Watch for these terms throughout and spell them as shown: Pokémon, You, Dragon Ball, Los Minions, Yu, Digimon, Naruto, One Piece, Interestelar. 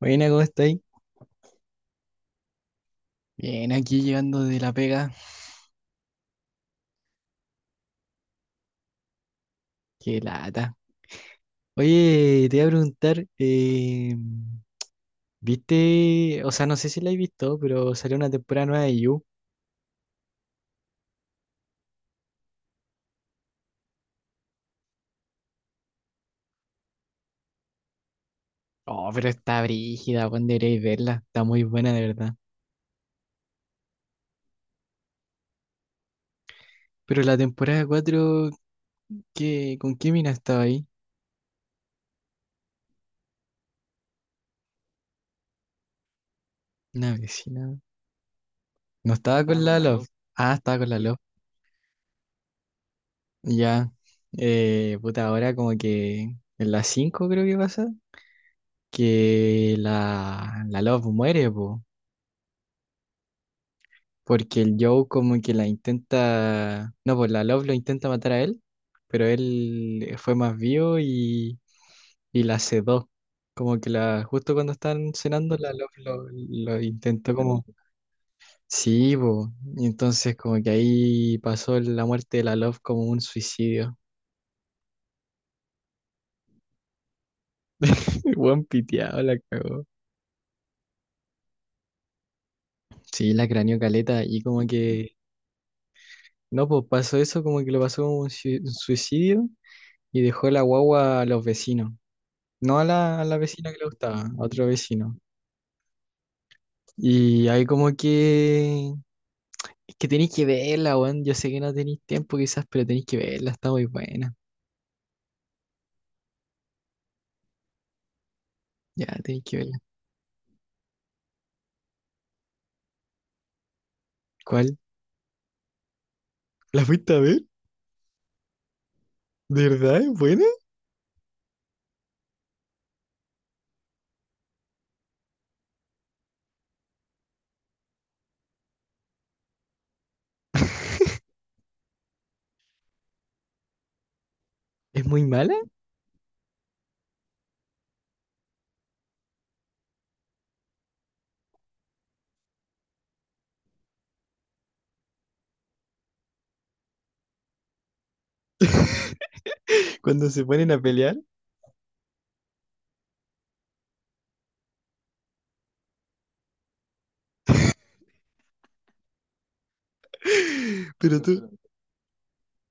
Buena, ¿cómo estáis? Bien, aquí llegando de la pega. Qué lata. Oye, te iba a preguntar, ¿viste? O sea, no sé si la he visto, pero salió una temporada nueva de You. Oh, pero está brígida, Juan, deberíais verla. Está muy buena, de verdad. Pero la temporada cuatro, ¿qué, con qué mina estaba ahí? Una vecina. No estaba con la Love. Ah, estaba con la Love. Ya. Puta, ahora como que en la 5 creo que pasa, que la Love muere, pues. Porque el Joe como que la intenta, no, pues la Love lo intenta matar a él, pero él fue más vivo y la sedó. Como que la, justo cuando están cenando, la Love lo intentó como, sí, bo. Y entonces como que ahí pasó la muerte de la Love como un suicidio. El Buen piteado la cagó. Sí, la craneó caleta y como que, no, pues pasó eso, como que lo pasó como un un suicidio y dejó la guagua a los vecinos. No a la vecina que le gustaba, a otro vecino. Y ahí como que. Es que tenéis que verla, weón. Yo sé que no tenéis tiempo quizás, pero tenéis que verla, está muy buena. Ya, tenéis que verla. ¿Cuál? ¿La fuiste a ver? ¿De verdad es buena? ¿Es muy mala? Cuando se ponen a pelear. Pero tú,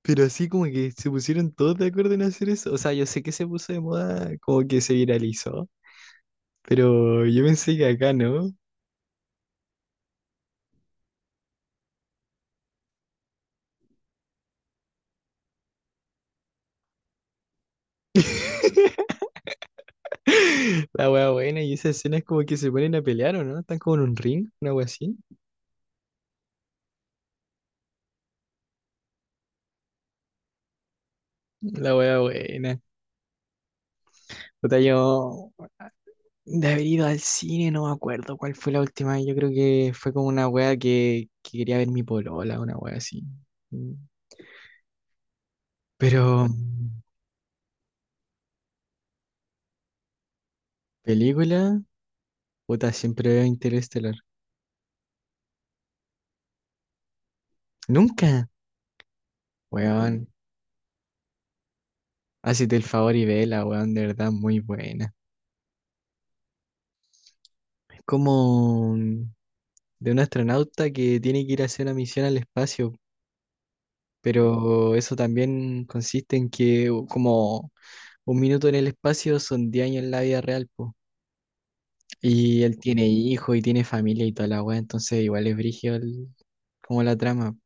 pero así como que se pusieron todos de acuerdo en hacer eso. O sea, yo sé que se puso de moda, como que se viralizó. Pero yo pensé que acá no. La wea buena, y esa escena es como que se ponen a pelear, ¿o no? Están como en un ring, una wea así. La wea buena. Puta, yo de haber ido al cine, no me acuerdo cuál fue la última vez. Yo creo que fue como una wea que quería ver mi polola, una wea así. Mm. Pero, película, puta, siempre veo Interestelar. Nunca, weón. Hacete el favor y vela, weón, de verdad, muy buena. Es como de un astronauta que tiene que ir a hacer una misión al espacio, pero eso también consiste en que como un minuto en el espacio son 10 años en la vida real, po. Y él tiene hijos y tiene familia y toda la weá, entonces igual es brígido como la trama.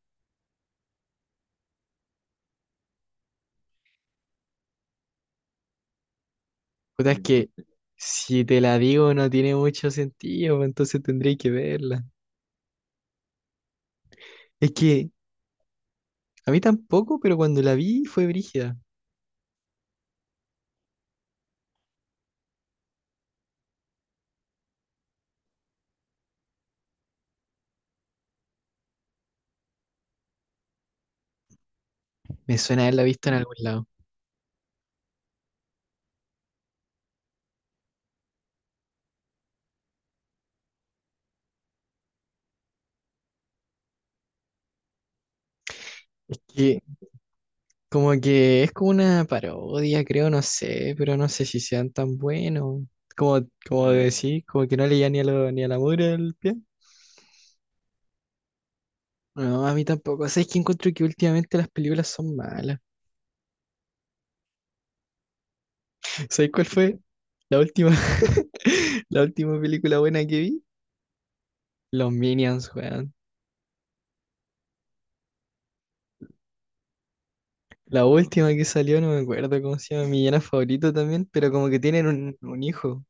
Puta, es que si te la digo no tiene mucho sentido, entonces tendréis que verla. Es que a mí tampoco, pero cuando la vi fue brígida. Me suena haberla visto en algún lado. Es que como que es como una parodia, creo, no sé, pero no sé si sean tan buenos. Como, decir, como que no leía ni a lo, ni a la mugre del pie. No, a mí tampoco. ¿Sabes que encuentro que últimamente las películas son malas? ¿Sabes cuál fue la última, la última película buena que vi? Los Minions, weón. La última que salió, no me acuerdo cómo se llama, mi villano favorito también, pero como que tienen un hijo,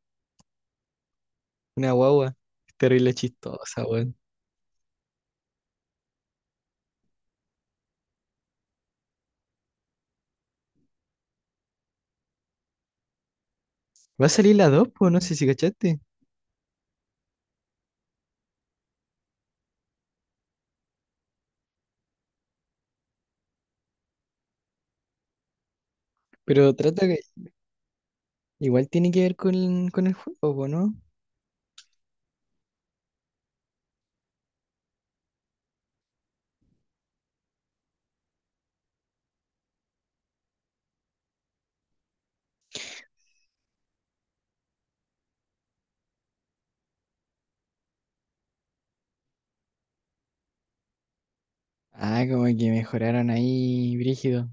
una guagua. Terrible chistosa, weón. Va a salir la dos, pues, no sé si cachaste. Pero trata que igual tiene que ver con el juego, po, ¿no? Ah, como que mejoraron ahí, brígido.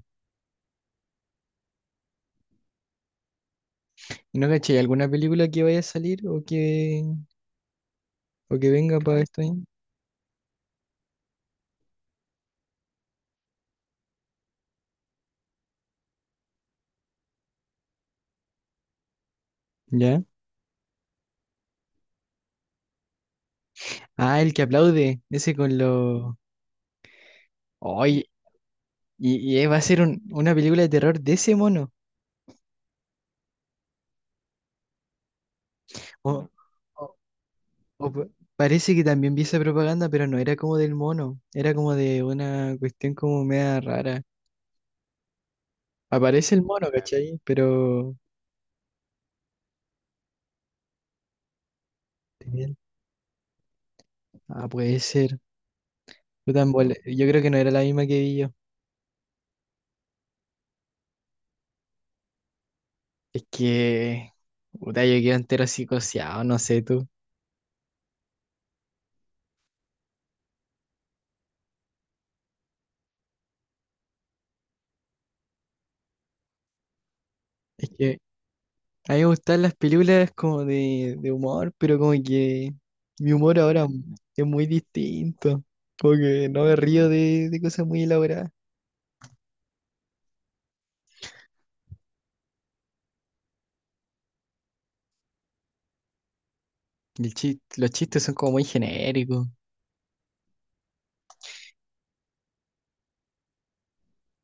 ¿Y no caché alguna película que vaya a salir o que venga para esto año? ¿Ya? Ah, el que aplaude, ese con los. Oye, y va a ser una película de terror de ese mono. O, o- o pa- parece que también vi esa propaganda, pero no era como del mono, era como de una cuestión como media rara. Aparece el mono, ¿cachai? Pero. Ah, puede ser. Puta, en bola. Yo creo que no era la misma que vi yo. Es que, puta, yo quedo entero psicoseado, no sé tú. Es que a mí me gustan las películas como de humor, pero como que mi humor ahora es muy distinto. Como que no me río de cosas muy elaboradas. Y los chistes son como muy genéricos.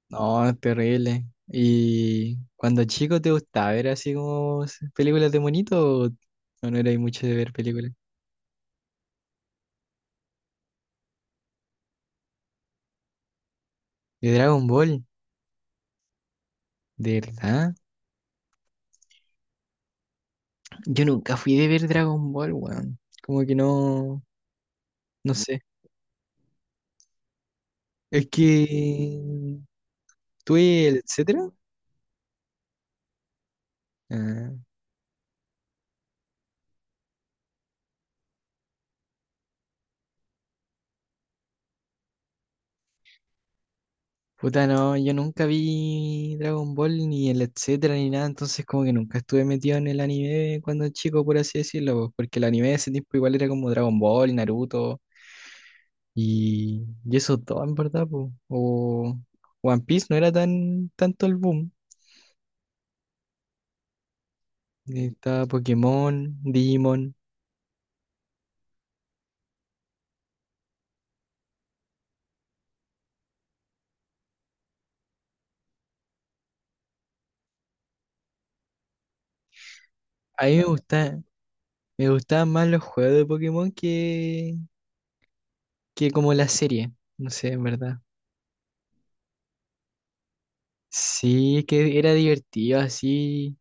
No, es terrible. ¿Y cuando chico te gustaba ver así como películas de monito o no erais mucho de ver películas? De Dragon Ball, ¿de verdad? Yo nunca fui de ver Dragon Ball, weón. Como que no, no sé. Es que tuve el etcétera. Ah, puta, no, yo nunca vi Dragon Ball ni el etcétera ni nada, entonces como que nunca estuve metido en el anime cuando chico, por así decirlo, po, porque el anime de ese tiempo igual era como Dragon Ball, Naruto y eso todo, en verdad, po. O One Piece no era tan tanto el boom. Estaba Pokémon, Digimon. A mí me gusta, Me gustaban más los juegos de Pokémon que como la serie. No sé, en verdad. Sí, que era divertido así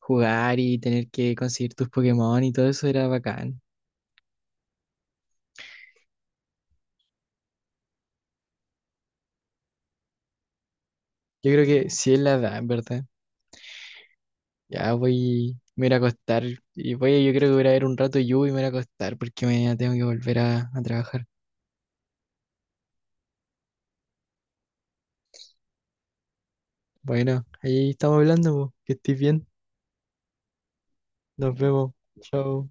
jugar y tener que conseguir tus Pokémon y todo eso era bacán. Yo creo que sí es la edad, en verdad. Ya voy, me voy a ir a acostar y voy, yo creo que voy a ir a ver un rato Yu y me voy a ir a acostar porque mañana tengo que volver a trabajar. Bueno, ahí estamos hablando, po. Que estés bien. Nos vemos. Chao.